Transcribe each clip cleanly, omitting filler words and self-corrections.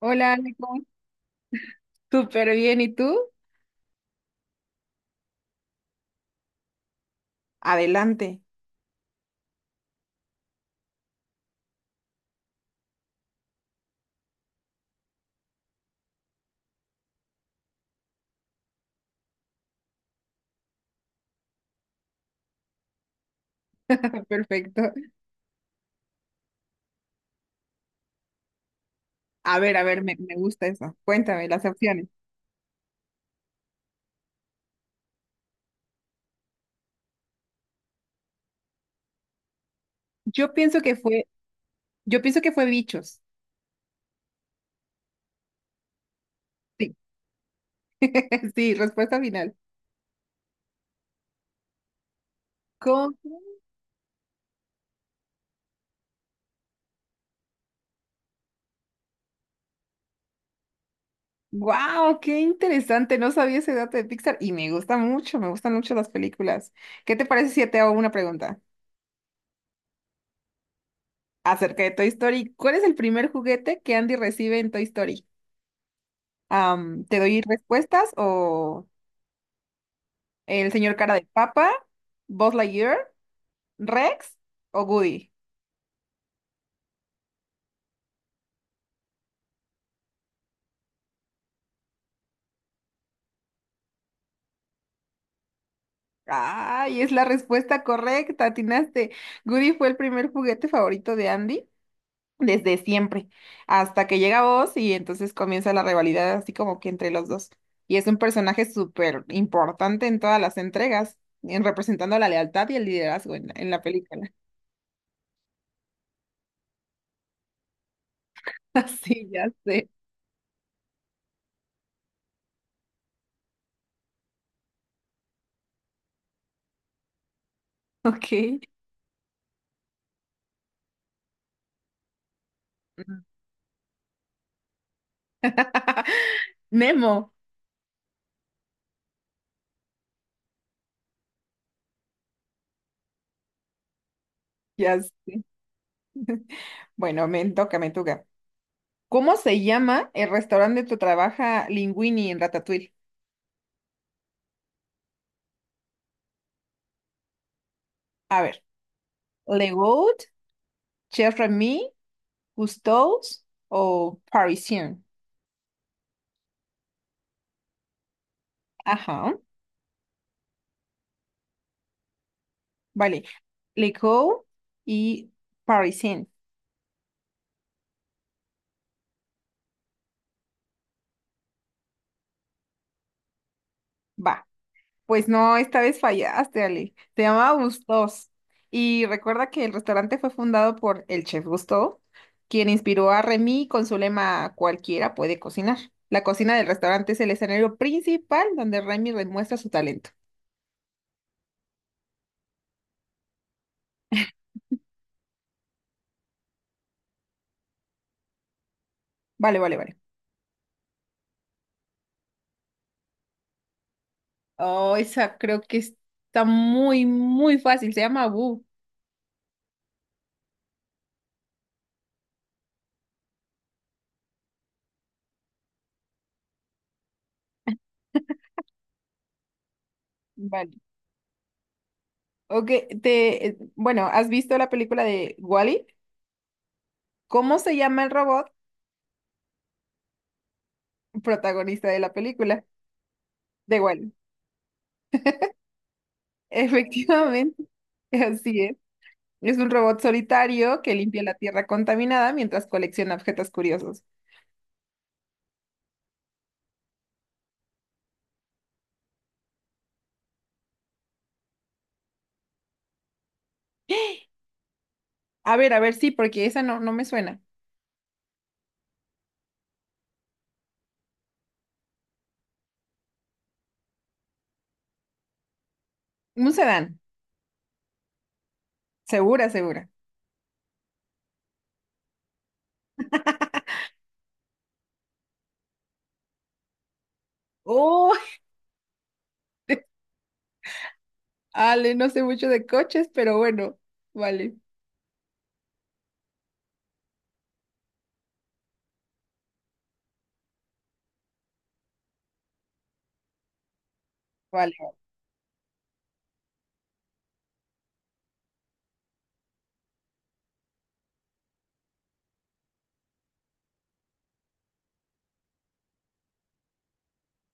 Hola, Ale, ¿cómo? Súper bien, ¿y tú? Adelante. Perfecto. A ver, me gusta eso. Cuéntame las opciones. Yo pienso que fue, yo pienso que fue bichos. Sí, sí, respuesta final. Con... ¡Wow! ¡Qué interesante! No sabía ese dato de Pixar y me gusta mucho, me gustan mucho las películas. ¿Qué te parece si te hago una pregunta acerca de Toy Story? ¿Cuál es el primer juguete que Andy recibe en Toy Story? ¿Te doy respuestas? O ¿el señor cara de papa, Buzz Lightyear, Rex o Goody? Ay, es la respuesta correcta, atinaste. Goody fue el primer juguete favorito de Andy desde siempre, hasta que llega Buzz y entonces comienza la rivalidad así como que entre los dos. Y es un personaje súper importante en todas las entregas, en representando la lealtad y el liderazgo en la película. Así ya sé. Ok. Nemo. Ya sé. Bueno, me toca, me toca. ¿Cómo se llama el restaurante donde trabaja Linguini en Ratatouille? A ver, Le Goat, Chef Remy, Cousteau's o Parisien. Ajá, vale. Le Goat y Parisien. Va. Pues no, esta vez fallaste, Ale. Se llamaba Gustos. Y recuerda que el restaurante fue fundado por el chef Gusteau, quien inspiró a Remy con su lema "Cualquiera puede cocinar". La cocina del restaurante es el escenario principal donde Remy demuestra su talento. Vale, vale, vale. Oh, esa creo que está muy, muy fácil. Se llama Boo. Vale. Ok, bueno, ¿has visto la película de Wall-E? ¿Cómo se llama el robot protagonista de la película de Wall-E? Efectivamente, así es. Es un robot solitario que limpia la tierra contaminada mientras colecciona objetos curiosos. A ver, sí, porque esa no, no me suena. Un sedán, segura, segura. Oh, Ale, no sé mucho de coches, pero bueno, vale, vale.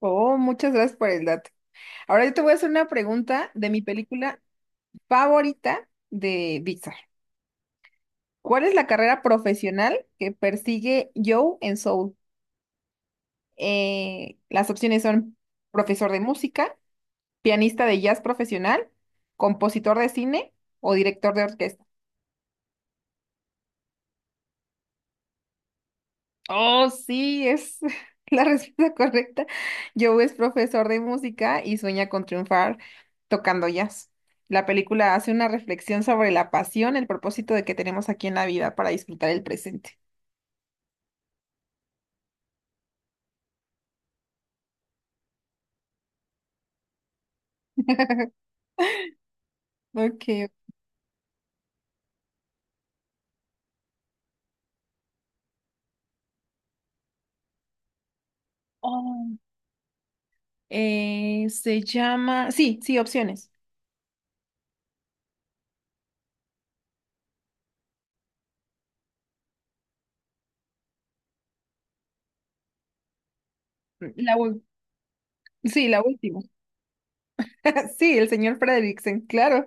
Oh, muchas gracias por el dato. Ahora yo te voy a hacer una pregunta de mi película favorita de Pixar. ¿Cuál es la carrera profesional que persigue Joe en Soul? Las opciones son profesor de música, pianista de jazz profesional, compositor de cine o director de orquesta. Oh, sí, es la respuesta correcta. Joe es profesor de música y sueña con triunfar tocando jazz. La película hace una reflexión sobre la pasión, el propósito de que tenemos aquí en la vida para disfrutar el presente. Ok. Oh, se llama. Sí, sí, opciones. La, ul- sí, la última. Sí, el señor Fredricksen, claro.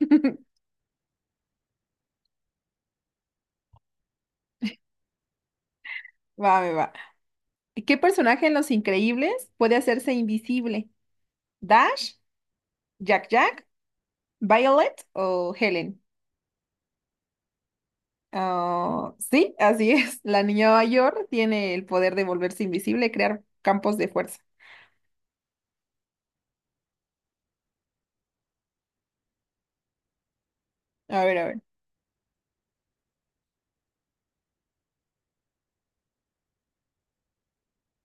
Va, me va. ¿Qué personaje en Los Increíbles puede hacerse invisible? ¿Dash? ¿Jack Jack? ¿Violet o Helen? Ah, sí, así es. La niña mayor tiene el poder de volverse invisible y crear campos de fuerza. A ver, a ver.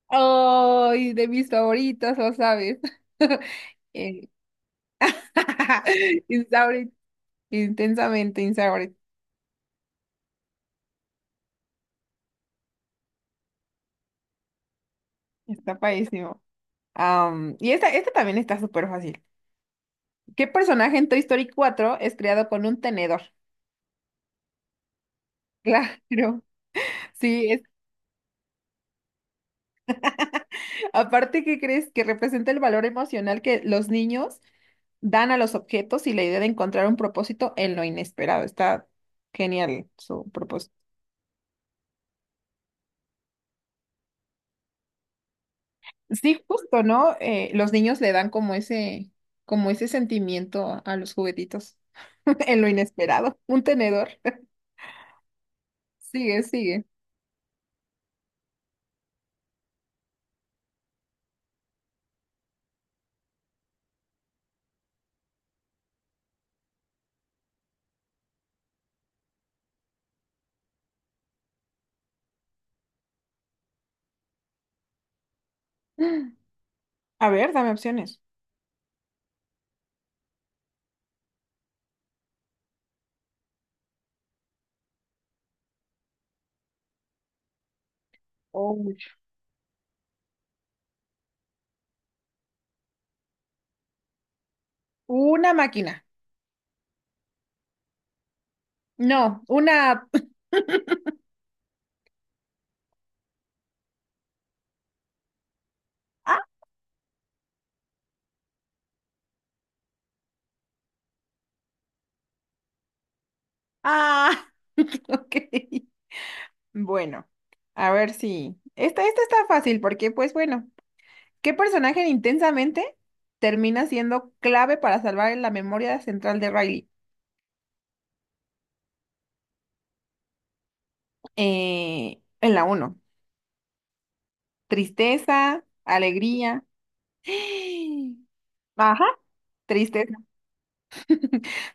Ay, de mis favoritas, lo sabes. Eh, Insaurid, intensamente Insaurid. Está padrísimo. Y esta también está súper fácil. ¿Qué personaje en Toy Story 4 es creado con un tenedor? Claro, sí, es. Aparte, ¿qué crees? Que representa el valor emocional que los niños dan a los objetos y la idea de encontrar un propósito en lo inesperado. Está genial su propósito. Sí, justo, ¿no? Los niños le dan como ese sentimiento a los juguetitos en lo inesperado. Un tenedor. Sigue, sigue. A ver, dame opciones. Uy, una máquina. No, una. Ah, ah, ok. Bueno, a ver si. Esta está fácil porque, pues bueno. ¿Qué personaje de intensamente termina siendo clave para salvar la memoria central de Riley? ¿En la uno? Tristeza, alegría. Ajá, tristeza.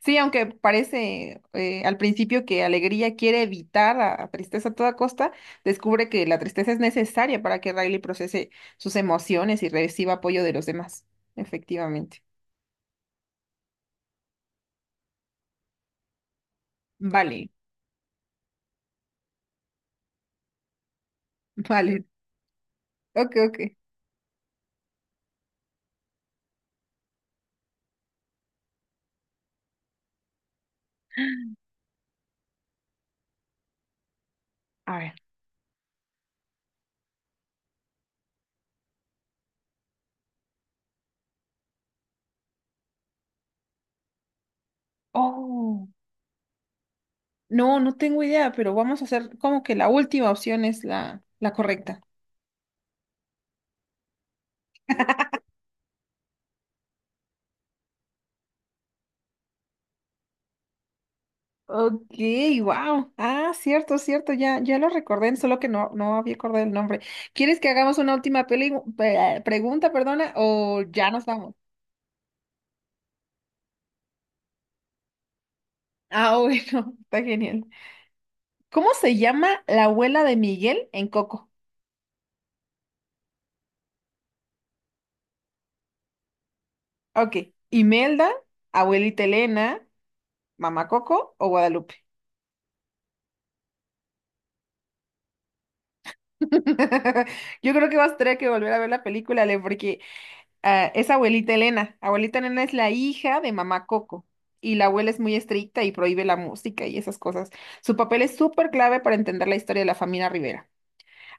Sí, aunque parece al principio que Alegría quiere evitar a Tristeza a toda costa, descubre que la tristeza es necesaria para que Riley procese sus emociones y reciba apoyo de los demás. Efectivamente. Vale, vale. Ok, ok. A ver. Oh. No, no tengo idea, pero vamos a hacer como que la última opción es la correcta. Ok, wow. Ah, cierto, cierto, ya, ya lo recordé, solo que no, no había acordado el nombre. ¿Quieres que hagamos una última pregunta, perdona, o ya nos vamos? Ah, bueno, está genial. ¿Cómo se llama la abuela de Miguel en Coco? Ok, Imelda, abuelita Elena, mamá Coco o Guadalupe. Yo creo que vas a tener que volver a ver la película, Ale, porque ah, es abuelita Elena. Abuelita Elena es la hija de mamá Coco. Y la abuela es muy estricta y prohíbe la música y esas cosas. Su papel es súper clave para entender la historia de la familia Rivera.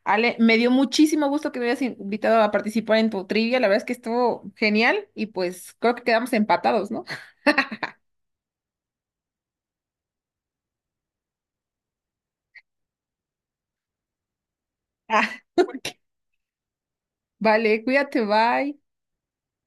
Ale, me dio muchísimo gusto que me hayas invitado a participar en tu trivia. La verdad es que estuvo genial y pues creo que quedamos empatados, ¿no? Ah, vale, cuídate, bye.